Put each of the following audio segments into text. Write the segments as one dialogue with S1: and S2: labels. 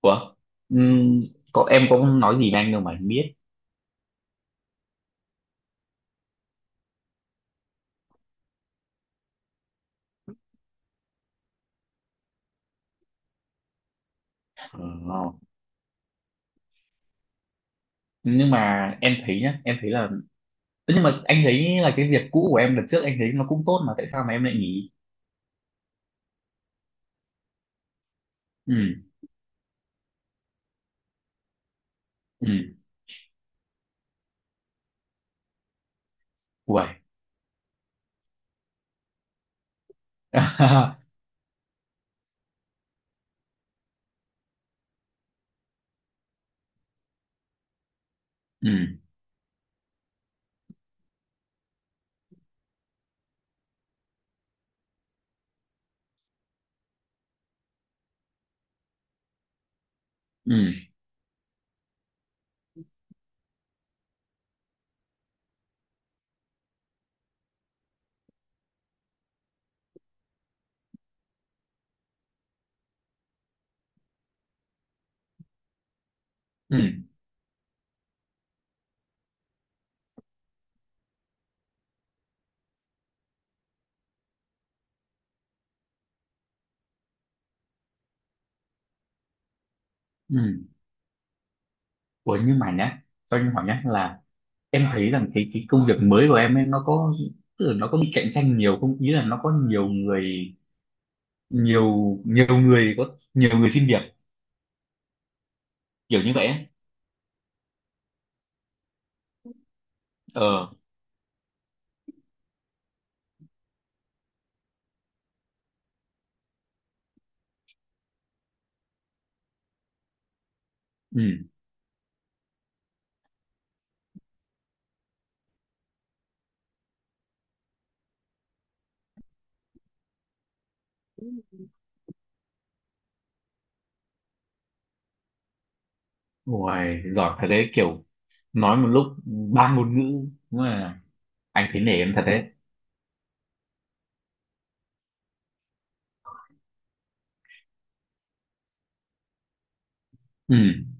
S1: Ủa? Ừm, em có nói gì với anh đâu mà anh biết. Ờ, nhưng mà em thấy nhá, em thấy là nhưng mà anh thấy là cái việc cũ của em lần trước anh thấy nó cũng tốt mà tại sao mà em lại nghỉ? Ừ, ừ, uầy. Ừ, ừ, ừ, ừ. Ủa, nhưng mà nhá, cho anh hỏi nhá là em thấy rằng cái công việc mới của em ấy nó có, tức là nó có bị cạnh tranh nhiều không? Ý là nó có nhiều người, nhiều nhiều người, có nhiều người xin việc kiểu như vậy ấy. Ờ, ừ. Uầy, giỏi thật đấy, kiểu nói một lúc ba ngôn ngữ, đúng là anh thấy nể em thật đấy. Ừ,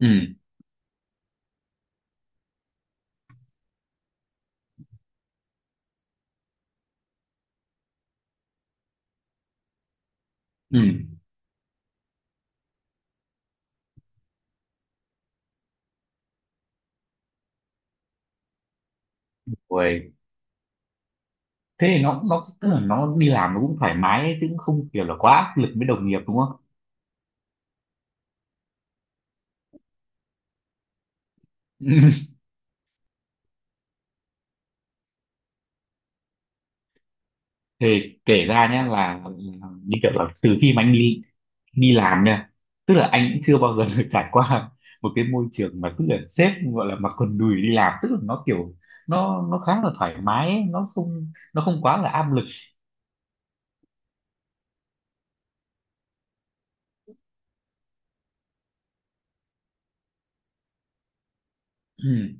S1: ừ, ừ. Uầy, thế thì nó, tức là nó đi làm nó cũng thoải mái ấy, chứ cũng không kiểu là quá áp lực với đồng nghiệp đúng không? Thì kể ra nhé là, như kiểu là từ khi mà anh đi đi làm nha, tức là anh cũng chưa bao giờ được trải qua một cái môi trường mà tức là sếp gọi là mặc quần đùi đi làm, tức là nó kiểu, nó khá là thoải mái ấy, nó không quá là áp lực. Ừ.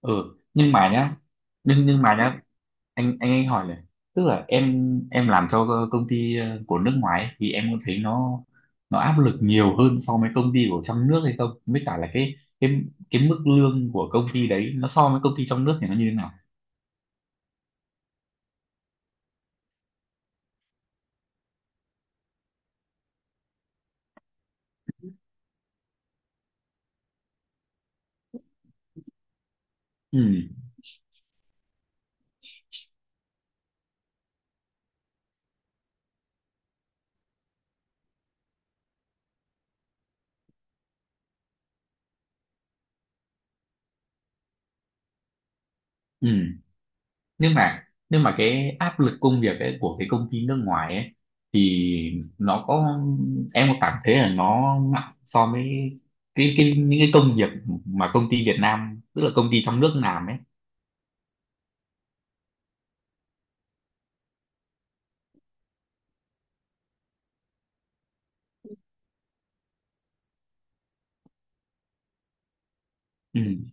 S1: Ừ, nhưng mà nhá, nhưng mà nhá, anh hỏi này, tức là em, làm cho công ty của nước ngoài ấy, thì em có thấy nó, áp lực nhiều hơn so với công ty của trong nước hay không, với cả là cái cái mức lương của công ty đấy nó so với công ty trong nước thì nó như thế nào? Ừ, nhưng mà, cái áp lực công việc ấy, của cái công ty nước ngoài ấy, thì nó có em có cảm thấy là nó nặng so với cái những cái công việc mà công ty Việt Nam, tức là công ty trong nước làm ấy? Ừ,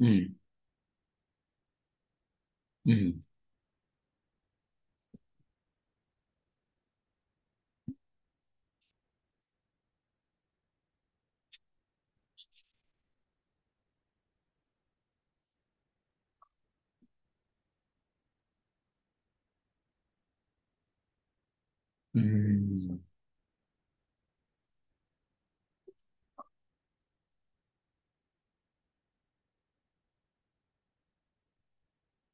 S1: ừ, ừ, ừ.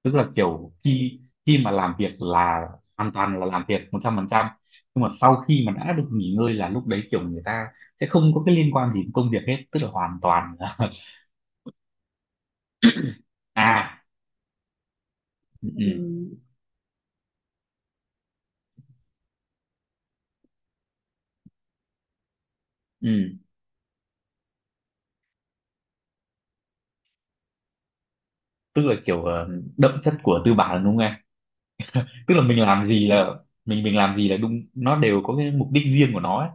S1: Tức là kiểu khi khi mà làm việc là hoàn toàn là làm việc 100%, nhưng mà sau khi mà đã được nghỉ ngơi là lúc đấy kiểu người ta sẽ không có cái liên quan gì đến công việc hết, tức là hoàn toàn là à, ừ, ừ. Ừ. Tức là kiểu đậm chất của tư bản đúng không em? Tức là mình làm gì là, mình làm gì là đúng, nó đều có cái mục đích riêng của nó ấy.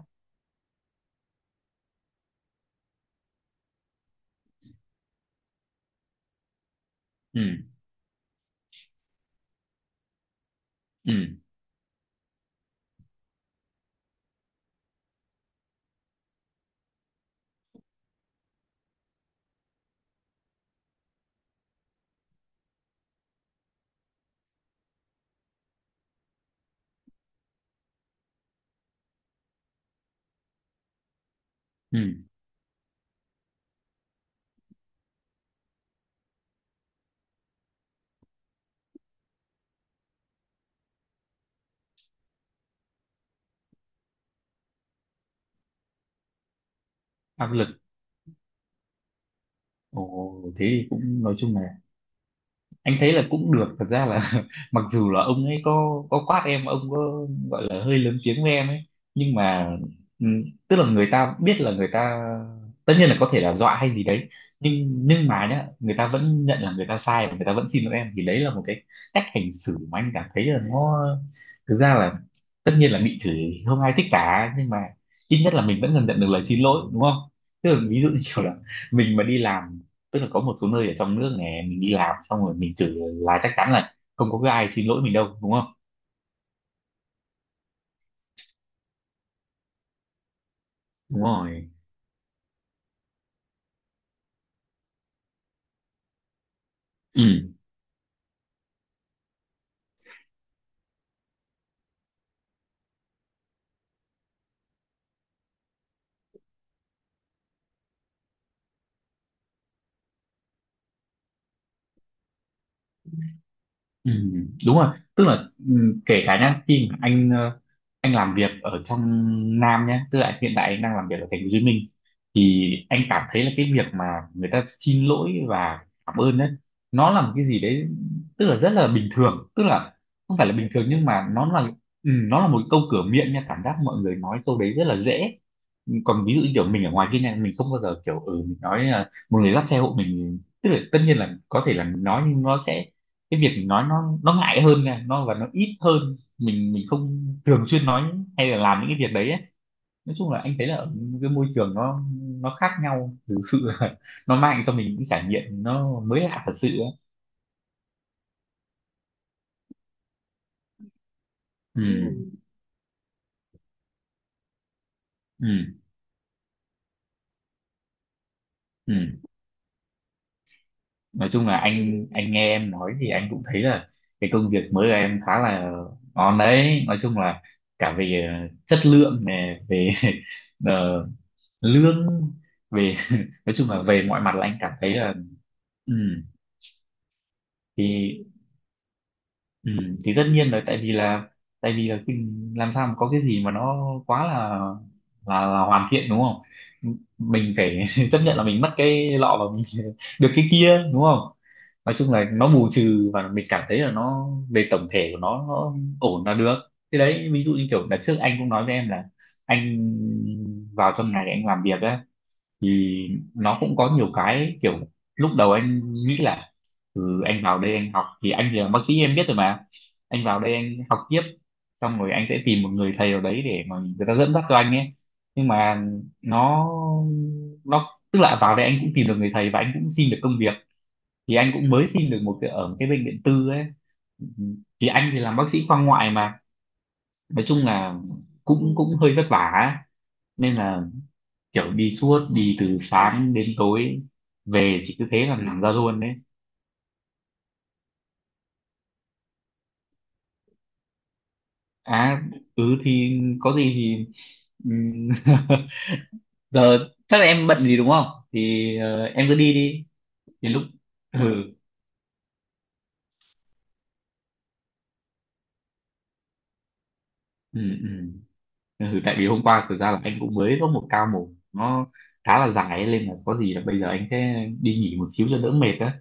S1: Ừ, ừ, ừ. Áp lực. Ồ, thế thì cũng nói chung là anh thấy là cũng được, thật ra là mặc dù là ông ấy có quát em, ông có gọi là hơi lớn tiếng với em ấy, nhưng mà ừ, tức là người ta biết là người ta, tất nhiên là có thể là dọa hay gì đấy, nhưng mà nhá người ta vẫn nhận là người ta sai và người ta vẫn xin lỗi em, thì đấy là một cái cách hành xử mà anh cảm thấy là nó, thực ra là, tất nhiên là bị chửi không ai thích cả, nhưng mà ít nhất là mình vẫn dần nhận được lời xin lỗi đúng không? Tức là ví dụ như kiểu là mình mà đi làm, tức là có một số nơi ở trong nước này mình đi làm xong rồi mình chửi là chắc chắn là không có cái ai xin lỗi mình đâu đúng không? Đúng rồi. Ừ, ừ, đúng rồi, tức là ừ, kể cả nhá khi mà anh anh làm việc ở trong Nam nhá, tức là hiện tại anh đang làm việc ở thành phố Hồ Chí Minh, thì anh cảm thấy là cái việc mà người ta xin lỗi và cảm ơn đấy, nó là một cái gì đấy, tức là rất là bình thường, tức là không phải là bình thường, nhưng mà nó là, ừ, nó là một câu cửa miệng nha, cảm giác mọi người nói câu đấy rất là dễ. Còn ví dụ như kiểu mình ở ngoài kia này mình không bao giờ kiểu ừ mình nói là một người dắt xe hộ mình, tức là tất nhiên là có thể là mình nói nhưng nó sẽ, cái việc mình nói nó, ngại hơn nè, nó và nó ít hơn, mình không thường xuyên nói hay là làm những cái việc đấy ấy. Nói chung là anh thấy là ở cái môi trường nó, khác nhau, thực sự là nó mang cho mình những trải nghiệm nó mới lạ thật sự ấy. Ừ. Ừ. Ừ, ừ. Nói chung là anh nghe em nói thì anh cũng thấy là cái công việc mới của em khá là ngon đấy, nói chung là cả về chất lượng này, về ờ, lương, về nói chung là về mọi mặt là anh cảm thấy là, ừ, thì, ừ, tất nhiên là tại vì là, tại vì là cái- làm sao mà có cái gì mà nó quá là là hoàn thiện đúng không? Mình phải chấp nhận là mình mất cái lọ và mình được cái kia đúng không? Nói chung là nó bù trừ và mình cảm thấy là nó, về tổng thể của nó ổn là được. Thế đấy, ví dụ như kiểu đợt trước anh cũng nói với em là anh vào trong này anh làm việc ấy, thì nó cũng có nhiều cái kiểu, lúc đầu anh nghĩ là ừ, anh vào đây anh học thì anh thì là bác sĩ em biết rồi mà, anh vào đây anh học tiếp xong rồi anh sẽ tìm một người thầy ở đấy để mà người ta dẫn dắt cho anh ấy, nhưng mà nó, tức là vào đây anh cũng tìm được người thầy và anh cũng xin được công việc, thì anh cũng mới xin được một cái ở một cái bệnh viện tư ấy, thì anh thì làm bác sĩ khoa ngoại mà, nói chung là cũng cũng hơi vất vả ấy. Nên là kiểu đi suốt, đi từ sáng đến tối, về chỉ cứ thế là nằm ra luôn đấy. À, ừ thì có gì thì, ừm, giờ chắc là em bận gì đúng không, thì em cứ đi đi. Đến lúc, ừ, ừ, ừ. Ừ, tại vì hôm qua thực ra là anh cũng mới có một ca mổ, nó khá là dài ấy, nên là có gì là bây giờ anh sẽ đi nghỉ một xíu cho đỡ mệt á.